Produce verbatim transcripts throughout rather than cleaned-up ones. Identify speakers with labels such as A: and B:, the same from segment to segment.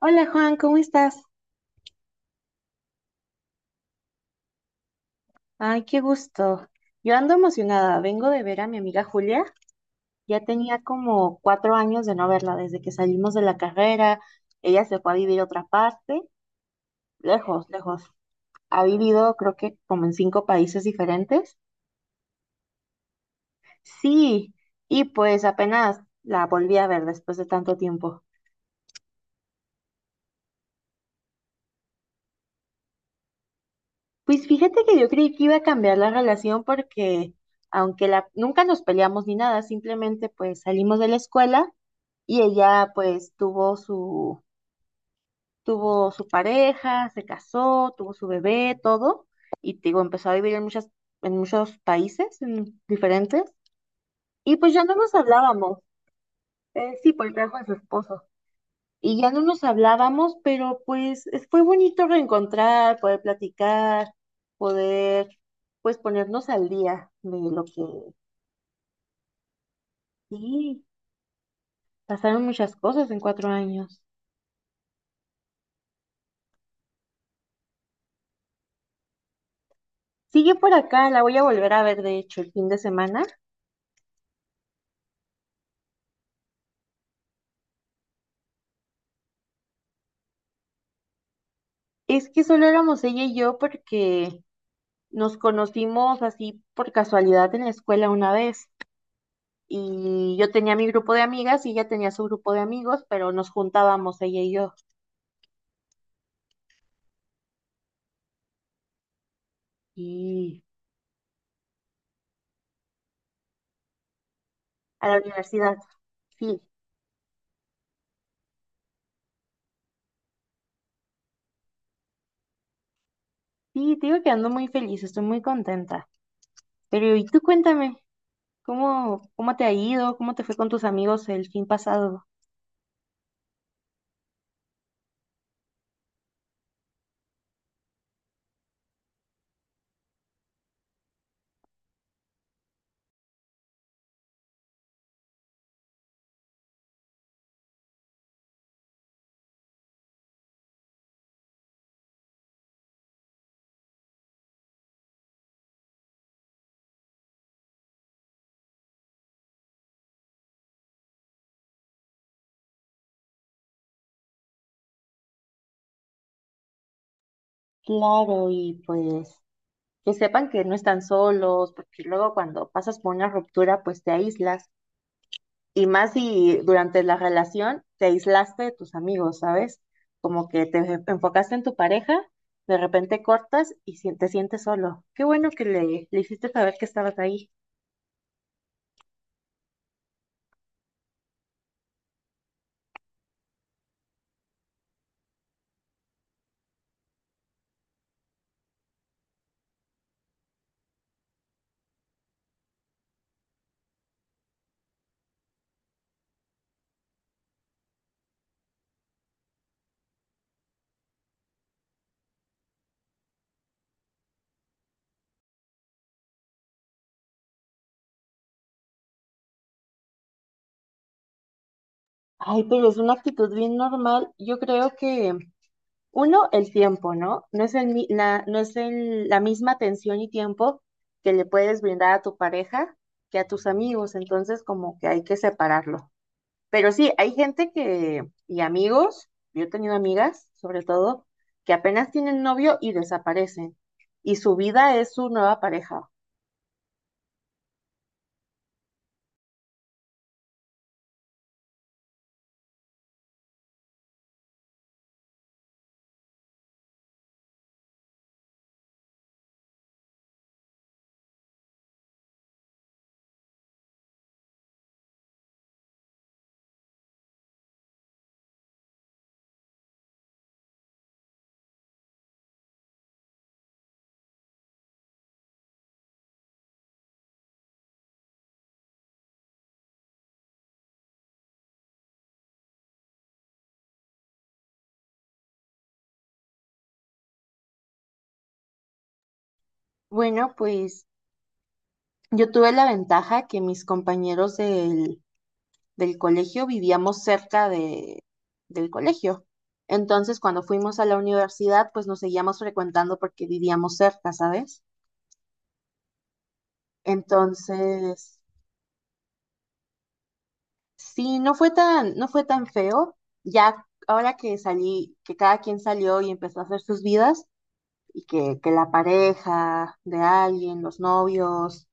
A: Hola Juan, ¿cómo estás? Ay, qué gusto. Yo ando emocionada. Vengo de ver a mi amiga Julia. Ya tenía como cuatro años de no verla desde que salimos de la carrera. Ella se fue a vivir a otra parte, lejos, lejos. Ha vivido creo que como en cinco países diferentes. Sí, y pues apenas la volví a ver después de tanto tiempo. Pues fíjate que yo creí que iba a cambiar la relación porque aunque la, nunca nos peleamos ni nada, simplemente pues salimos de la escuela. Y ella pues tuvo su, tuvo su pareja, se casó, tuvo su bebé, todo, y te digo, empezó a vivir en muchas, en muchos países en diferentes, y pues ya no nos hablábamos. Eh, sí, por el trabajo de su esposo, y ya no nos hablábamos, pero pues es- fue bonito reencontrar, poder platicar, poder pues ponernos al día de lo que sí, pasaron muchas cosas en cuatro años. Sigue por acá, la voy a volver a ver de hecho el fin de semana. Es que solo éramos ella y yo porque nos conocimos así por casualidad en la escuela una vez. Y yo tenía mi grupo de amigas y ella tenía su grupo de amigos, pero nos juntábamos ella y yo. Y a la universidad. Sí, sí, te digo que ando muy feliz, estoy muy contenta. Pero y tú cuéntame, ¿cómo, cómo te ha ido? ¿Cómo te fue con tus amigos el fin pasado? Claro, y pues que sepan que no están solos, porque luego cuando pasas por una ruptura, pues te aíslas. Y más si durante la relación te aislaste de tus amigos, ¿sabes? Como que te enfocaste en tu pareja, de repente cortas y si- te sientes solo. Qué bueno que le, le hiciste saber que estabas ahí. Ay, pero es una actitud bien normal. Yo creo que, uno, el tiempo, ¿no? No es el, mi- la, no es el- la misma atención y tiempo que le puedes brindar a tu pareja que a tus amigos. Entonces, como que hay que separarlo. Pero sí, hay gente que, y amigos, yo he tenido amigas, sobre todo, que apenas tienen novio y desaparecen. Y su vida es su nueva pareja. Bueno, pues yo tuve la ventaja que mis compañeros del, del colegio vivíamos cerca de, del colegio. Entonces, cuando fuimos a la universidad, pues nos seguíamos frecuentando porque vivíamos cerca, ¿sabes? Entonces, sí, no fue tan, no fue tan feo. Ya ahora que salí, que cada quien salió y empezó a hacer sus vidas, y que, que la pareja de alguien, los novios,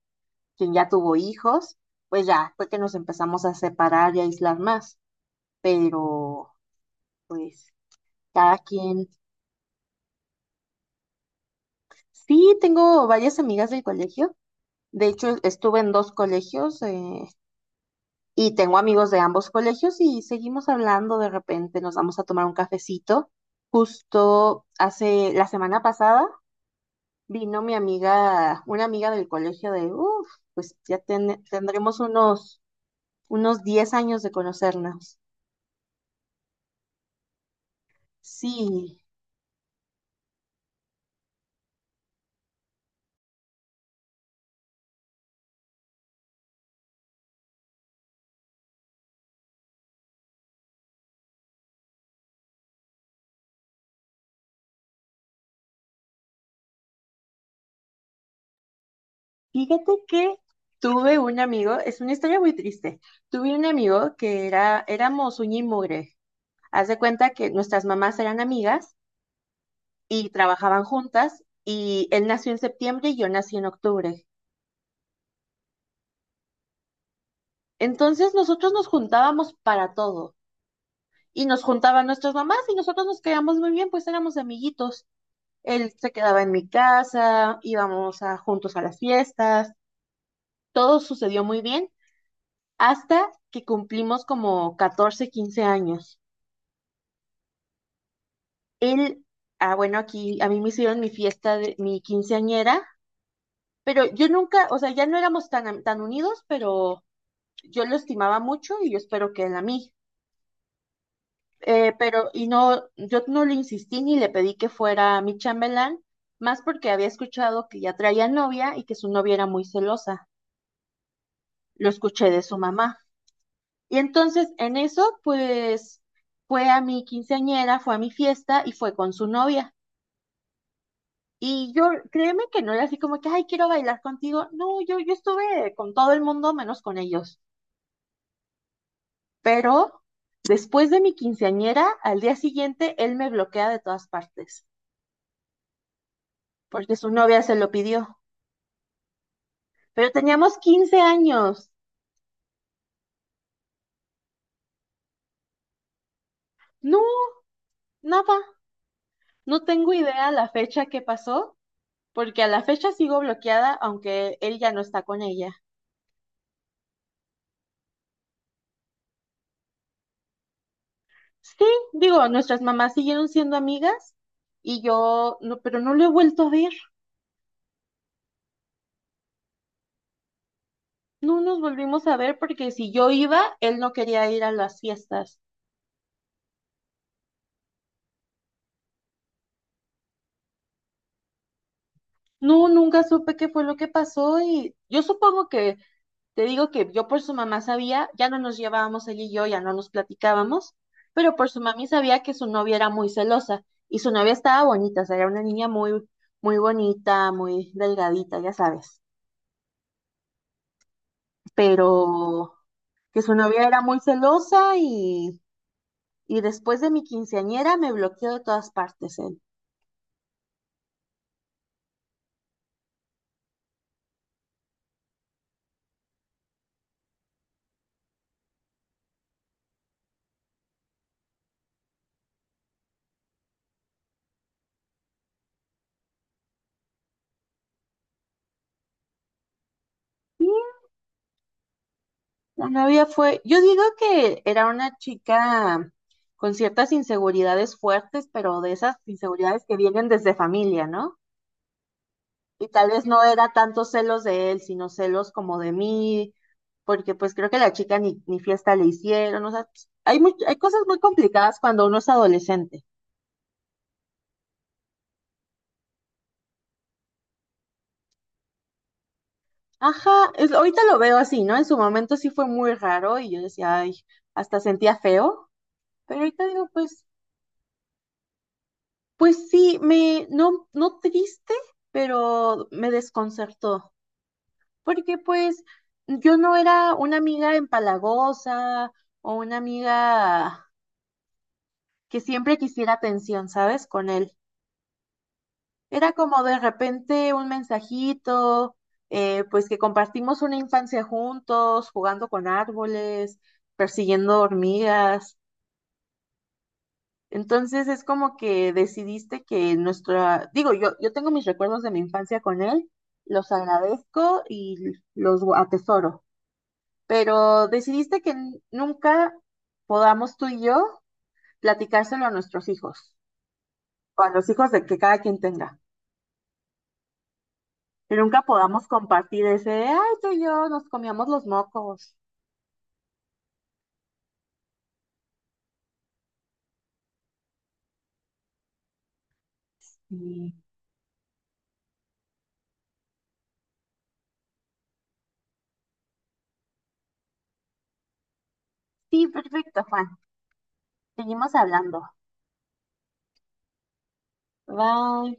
A: quien ya tuvo hijos, pues ya fue que nos empezamos a separar y a aislar más. Pero, pues, cada quien. Sí, tengo varias amigas del colegio. De hecho, estuve en dos colegios. eh, Y tengo amigos de ambos colegios y seguimos hablando de repente, nos vamos a tomar un cafecito. Justo hace la semana pasada vino mi amiga, una amiga del colegio de, uff, pues ya ten- tendremos unos, unos diez años de conocernos. Sí, fíjate que tuve un amigo, es una historia muy triste, tuve un amigo que era, éramos uña y mugre. Haz de cuenta que nuestras mamás eran amigas y trabajaban juntas y él nació en septiembre y yo nací en octubre. Entonces nosotros nos juntábamos para todo y nos juntaban nuestras mamás y nosotros nos quedamos muy bien, pues éramos amiguitos. Él se quedaba en mi casa, íbamos a, juntos a las fiestas, todo sucedió muy bien hasta que cumplimos como catorce quince años. Él, ah, bueno, aquí a mí me hicieron mi fiesta de mi quinceañera, pero yo nunca, o sea, ya no éramos tan, am- tan unidos, pero yo lo estimaba mucho y yo espero que él a mí. Eh, pero, y no, yo no le insistí ni le pedí que fuera mi chambelán, más porque había escuchado que ya traía novia y que su novia era muy celosa. Lo escuché de su mamá. Y entonces, en eso, pues, fue a mi quinceañera, fue a mi fiesta y fue con su novia. Y yo, créeme que no era así como que, ay, quiero bailar contigo. No, yo, yo, estuve con todo el mundo menos con ellos. Pero después de mi quinceañera, al día siguiente, él me bloquea de todas partes, porque su novia se lo pidió. Pero teníamos quince años. No, nada. No tengo idea la fecha que pasó, porque a la fecha sigo bloqueada, aunque él ya no está con ella. Sí, digo, nuestras mamás siguieron siendo amigas y yo, no, pero no lo he vuelto a ver. No nos volvimos a ver porque si yo iba, él no quería ir a las fiestas. No, nunca supe qué fue lo que pasó y yo supongo que, te digo que yo por su mamá sabía, ya no nos llevábamos él y yo, ya no nos platicábamos, pero por su mami sabía que su novia era muy celosa y su novia estaba bonita, o sea, era una niña muy, muy bonita, muy delgadita, ya sabes, pero que su novia era muy celosa y, y después de mi quinceañera me bloqueó de todas partes él. La novia fue, yo digo que era una chica con ciertas inseguridades fuertes, pero de esas inseguridades que vienen desde familia, ¿no? Y tal vez no era tantos celos de él, sino celos como de mí, porque pues creo que la chica ni, ni fiesta le hicieron, o sea, pues, hay, mu- hay cosas muy complicadas cuando uno es adolescente. Ajá, es- ahorita lo veo así, ¿no? En su momento sí fue muy raro y yo decía, ay, hasta sentía feo, pero ahorita digo, pues Pues sí, me, no, no triste, pero me desconcertó, porque pues yo no era una amiga empalagosa o una amiga que siempre quisiera atención, ¿sabes? Con él. Era como de repente un mensajito, eh, pues que compartimos una infancia juntos, jugando con árboles, persiguiendo hormigas. Entonces es como que decidiste que nuestra, digo, yo, yo tengo mis recuerdos de mi infancia con él, los agradezco y los gu- atesoro, pero decidiste que n- nunca podamos tú y yo platicárselo a nuestros hijos, o a los hijos de que cada quien tenga, que nunca podamos compartir ese, ay, tú y yo nos comíamos los mocos. Y- Sí, perfecto, Juan. Seguimos hablando. Bye.